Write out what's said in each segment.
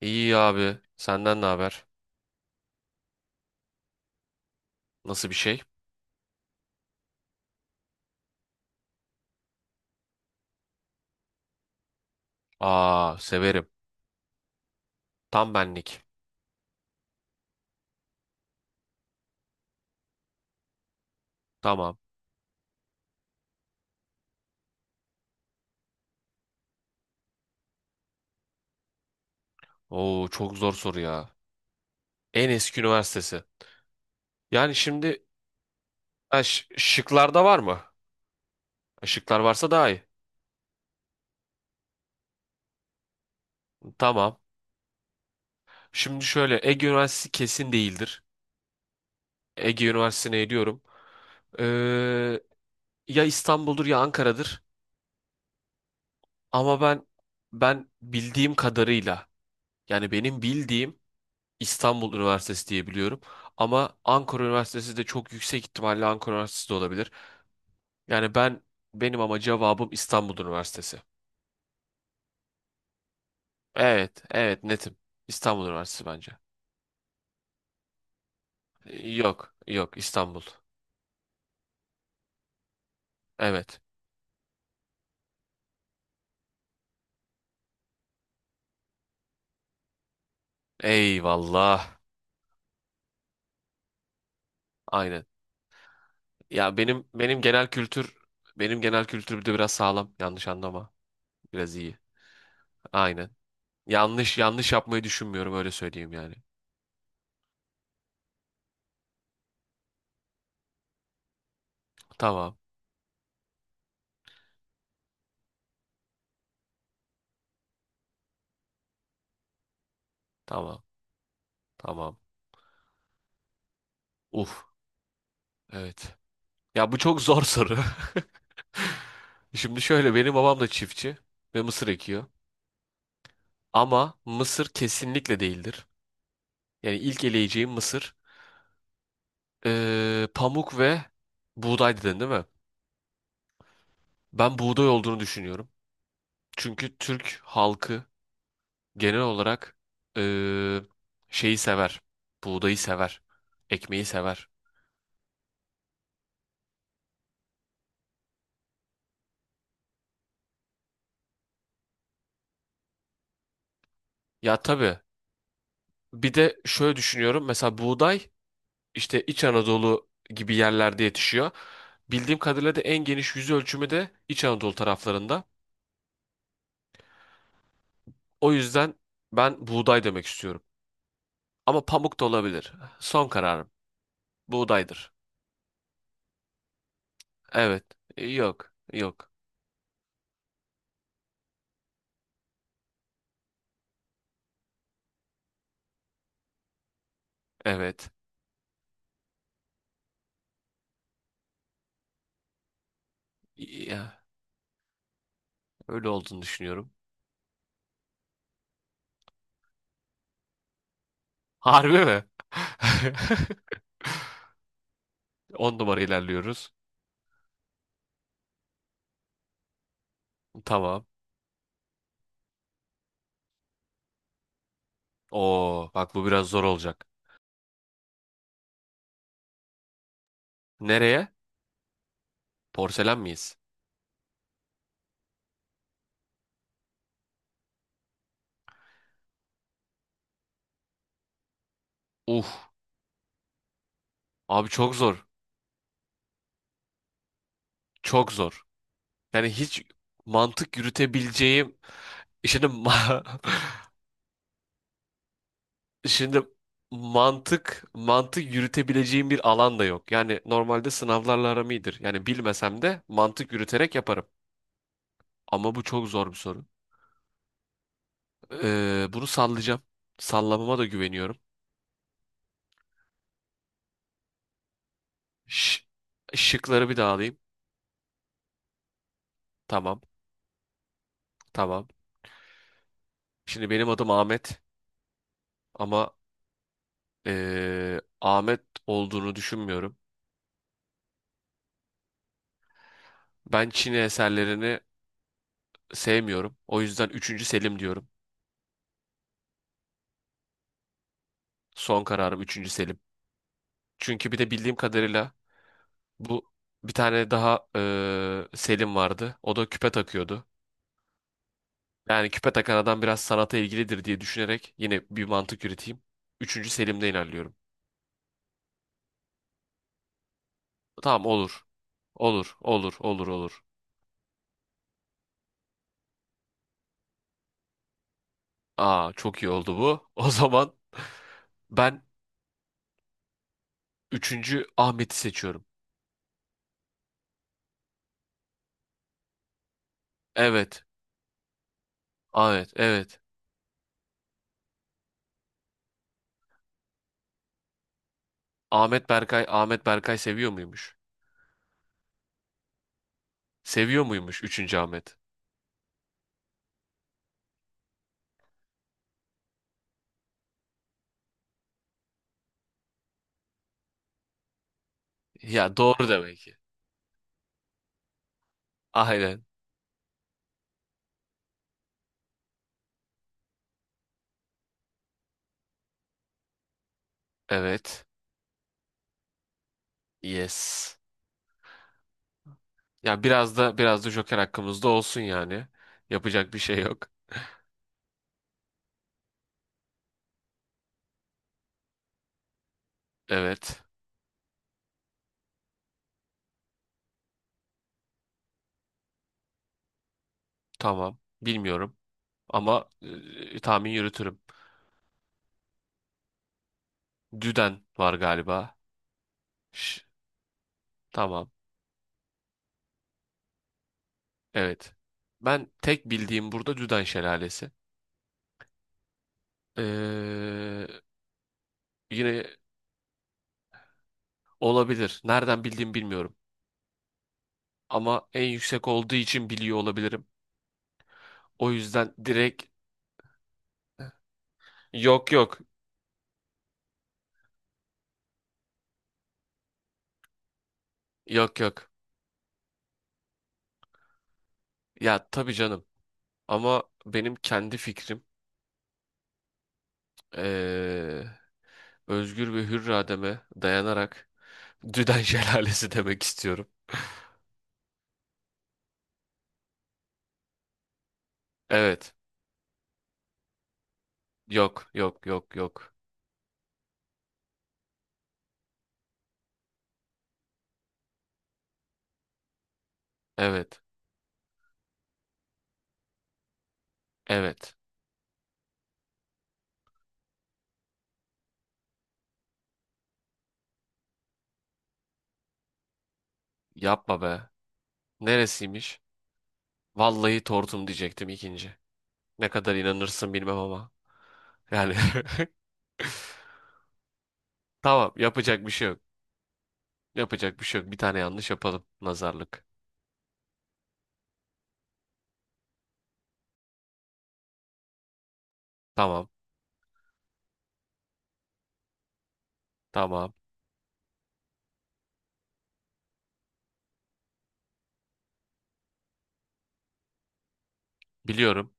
İyi abi. Senden ne haber? Nasıl bir şey? Aa, severim. Tam benlik. Tamam. Oo, çok zor soru ya. En eski üniversitesi. Yani şimdi şıklarda var mı? Şıklar varsa daha iyi. Tamam. Şimdi şöyle Ege Üniversitesi kesin değildir. Ege Üniversitesi'ne ediyorum. Ee, Ya İstanbul'dur ya Ankara'dır. Ama ben bildiğim kadarıyla yani benim bildiğim İstanbul Üniversitesi diye biliyorum. Ama Ankara Üniversitesi de çok yüksek ihtimalle Ankara Üniversitesi de olabilir. Yani benim ama cevabım İstanbul Üniversitesi. Evet, evet netim. İstanbul Üniversitesi bence. Yok, yok İstanbul. Evet. Eyvallah. Aynen. Ya benim genel kültür bir de biraz sağlam. Yanlış anlama. Biraz iyi. Aynen. Yanlış yanlış yapmayı düşünmüyorum öyle söyleyeyim yani. Tamam. Tamam. Tamam. Uf. Evet. Ya bu çok zor soru. Şimdi şöyle benim babam da çiftçi ve mısır ekiyor. Ama mısır kesinlikle değildir. Yani ilk eleyeceğim mısır pamuk ve buğday dedin değil mi? Ben buğday olduğunu düşünüyorum. Çünkü Türk halkı genel olarak eee, şeyi sever. Buğdayı sever. Ekmeği sever. Ya tabii. Bir de şöyle düşünüyorum. Mesela buğday işte İç Anadolu gibi yerlerde yetişiyor. Bildiğim kadarıyla da en geniş yüz ölçümü de İç Anadolu taraflarında. O yüzden ben buğday demek istiyorum. Ama pamuk da olabilir. Son kararım. Buğdaydır. Evet. Yok. Yok. Evet. Ya, öyle olduğunu düşünüyorum. Harbi mi? 10 numara ilerliyoruz. Tamam. Oo, bak bu biraz zor olacak. Nereye? Porselen miyiz? Uh. Abi çok zor. Çok zor. Yani hiç mantık yürütebileceğim şimdi ma- Şimdi mantık yürütebileceğim bir alan da yok. Yani normalde sınavlarla aram iyidir. Yani bilmesem de mantık yürüterek yaparım. Ama bu çok zor bir soru. Bunu sallayacağım. Sallamama da güveniyorum. Ş Şıkları bir daha alayım. Tamam, tamam. Şimdi benim adım Ahmet ama Ahmet olduğunu düşünmüyorum. Ben Çin eserlerini sevmiyorum. O yüzden üçüncü Selim diyorum. Son kararım üçüncü Selim. Çünkü bir de bildiğim kadarıyla bu bir tane daha Selim vardı. O da küpe takıyordu. Yani küpe takan adam biraz sanata ilgilidir diye düşünerek yine bir mantık üreteyim. 3. Selim'de ilerliyorum. Tamam olur. Olur, olur, olur, olur. Aa çok iyi oldu bu. O zaman ben üçüncü Ahmet'i seçiyorum. Evet, evet, evet. Ahmet Berkay, Ahmet Berkay seviyor muymuş? Seviyor muymuş üçüncü Ahmet? Ya doğru demek ki. Aynen. Evet. Yes. Ya biraz da Joker hakkımızda olsun yani. Yapacak bir şey yok. Evet. Tamam. Bilmiyorum. Ama tahmin yürütürüm. Düden var galiba. Ş- tamam. Evet. Ben tek bildiğim burada Düden Şelalesi. Ee, Yine olabilir. Nereden bildiğimi bilmiyorum. Ama en yüksek olduğu için biliyor olabilirim. O yüzden direkt yok yok. Yok yok. Ya tabii canım. Ama benim kendi fikrim eee, özgür ve hür irademe dayanarak Düden Şelalesi demek istiyorum. Evet. Yok, yok, yok, yok. Evet, evet. Yapma be. Neresiymiş? Vallahi tortum diyecektim ikinci. Ne kadar inanırsın bilmem ama. Yani tamam yapacak bir şey yok. Yapacak bir şey yok. Bir tane yanlış yapalım. Nazarlık. Tamam, tamam. Biliyorum,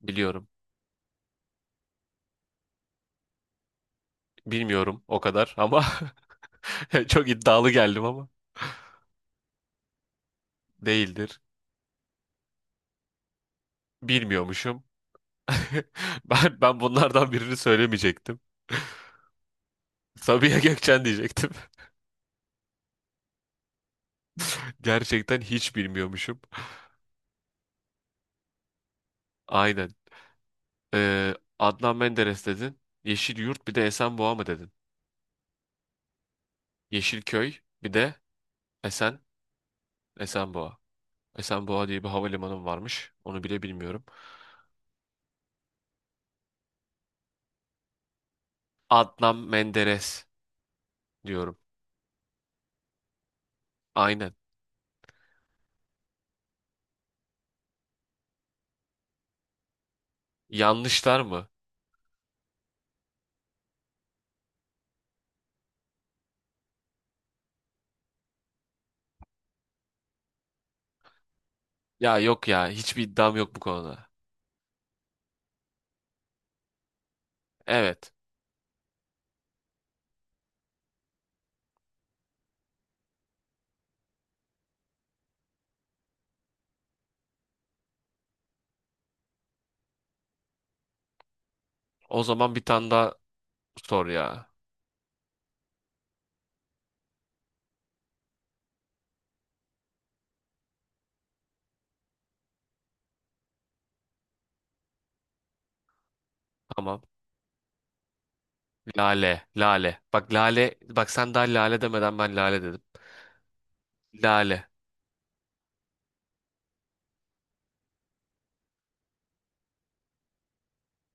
biliyorum. Bilmiyorum o kadar ama çok iddialı geldim ama değildir. Bilmiyormuşum. Ben bunlardan birini söylemeyecektim. Sabiha Gökçen diyecektim. Gerçekten hiç bilmiyormuşum. Aynen. Adnan Menderes dedin. Yeşilyurt bir de Esenboğa mı dedin? Yeşilköy bir de Esen Esenboğa. Esenboğa diye bir havalimanı varmış. Onu bile bilmiyorum. Adnan Menderes diyorum. Aynen. Yanlışlar mı? Ya yok ya. Hiçbir iddiam yok bu konuda. Evet. O zaman bir tane daha sor ya. Tamam. Lale, lale. Bak lale, bak sen daha lale demeden ben lale dedim. Lale.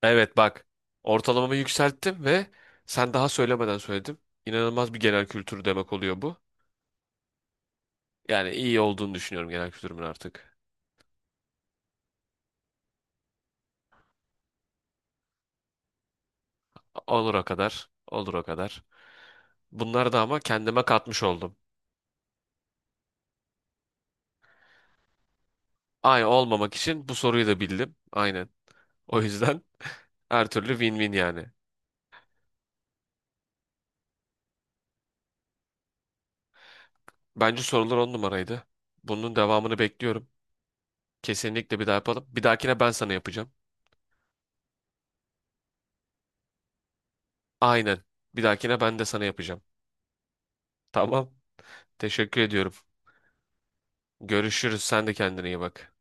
Evet bak. Ortalamamı yükselttim ve sen daha söylemeden söyledim. İnanılmaz bir genel kültür demek oluyor bu. Yani iyi olduğunu düşünüyorum genel kültürümün artık. Olur o kadar, olur o kadar. Bunları da ama kendime katmış oldum. Aynı olmamak için bu soruyu da bildim. Aynen. O yüzden her türlü win-win yani. Bence sorular on numaraydı. Bunun devamını bekliyorum. Kesinlikle bir daha yapalım. Bir dahakine ben sana yapacağım. Aynen. Bir dahakine ben de sana yapacağım. Tamam. Teşekkür ediyorum. Görüşürüz. Sen de kendine iyi bak.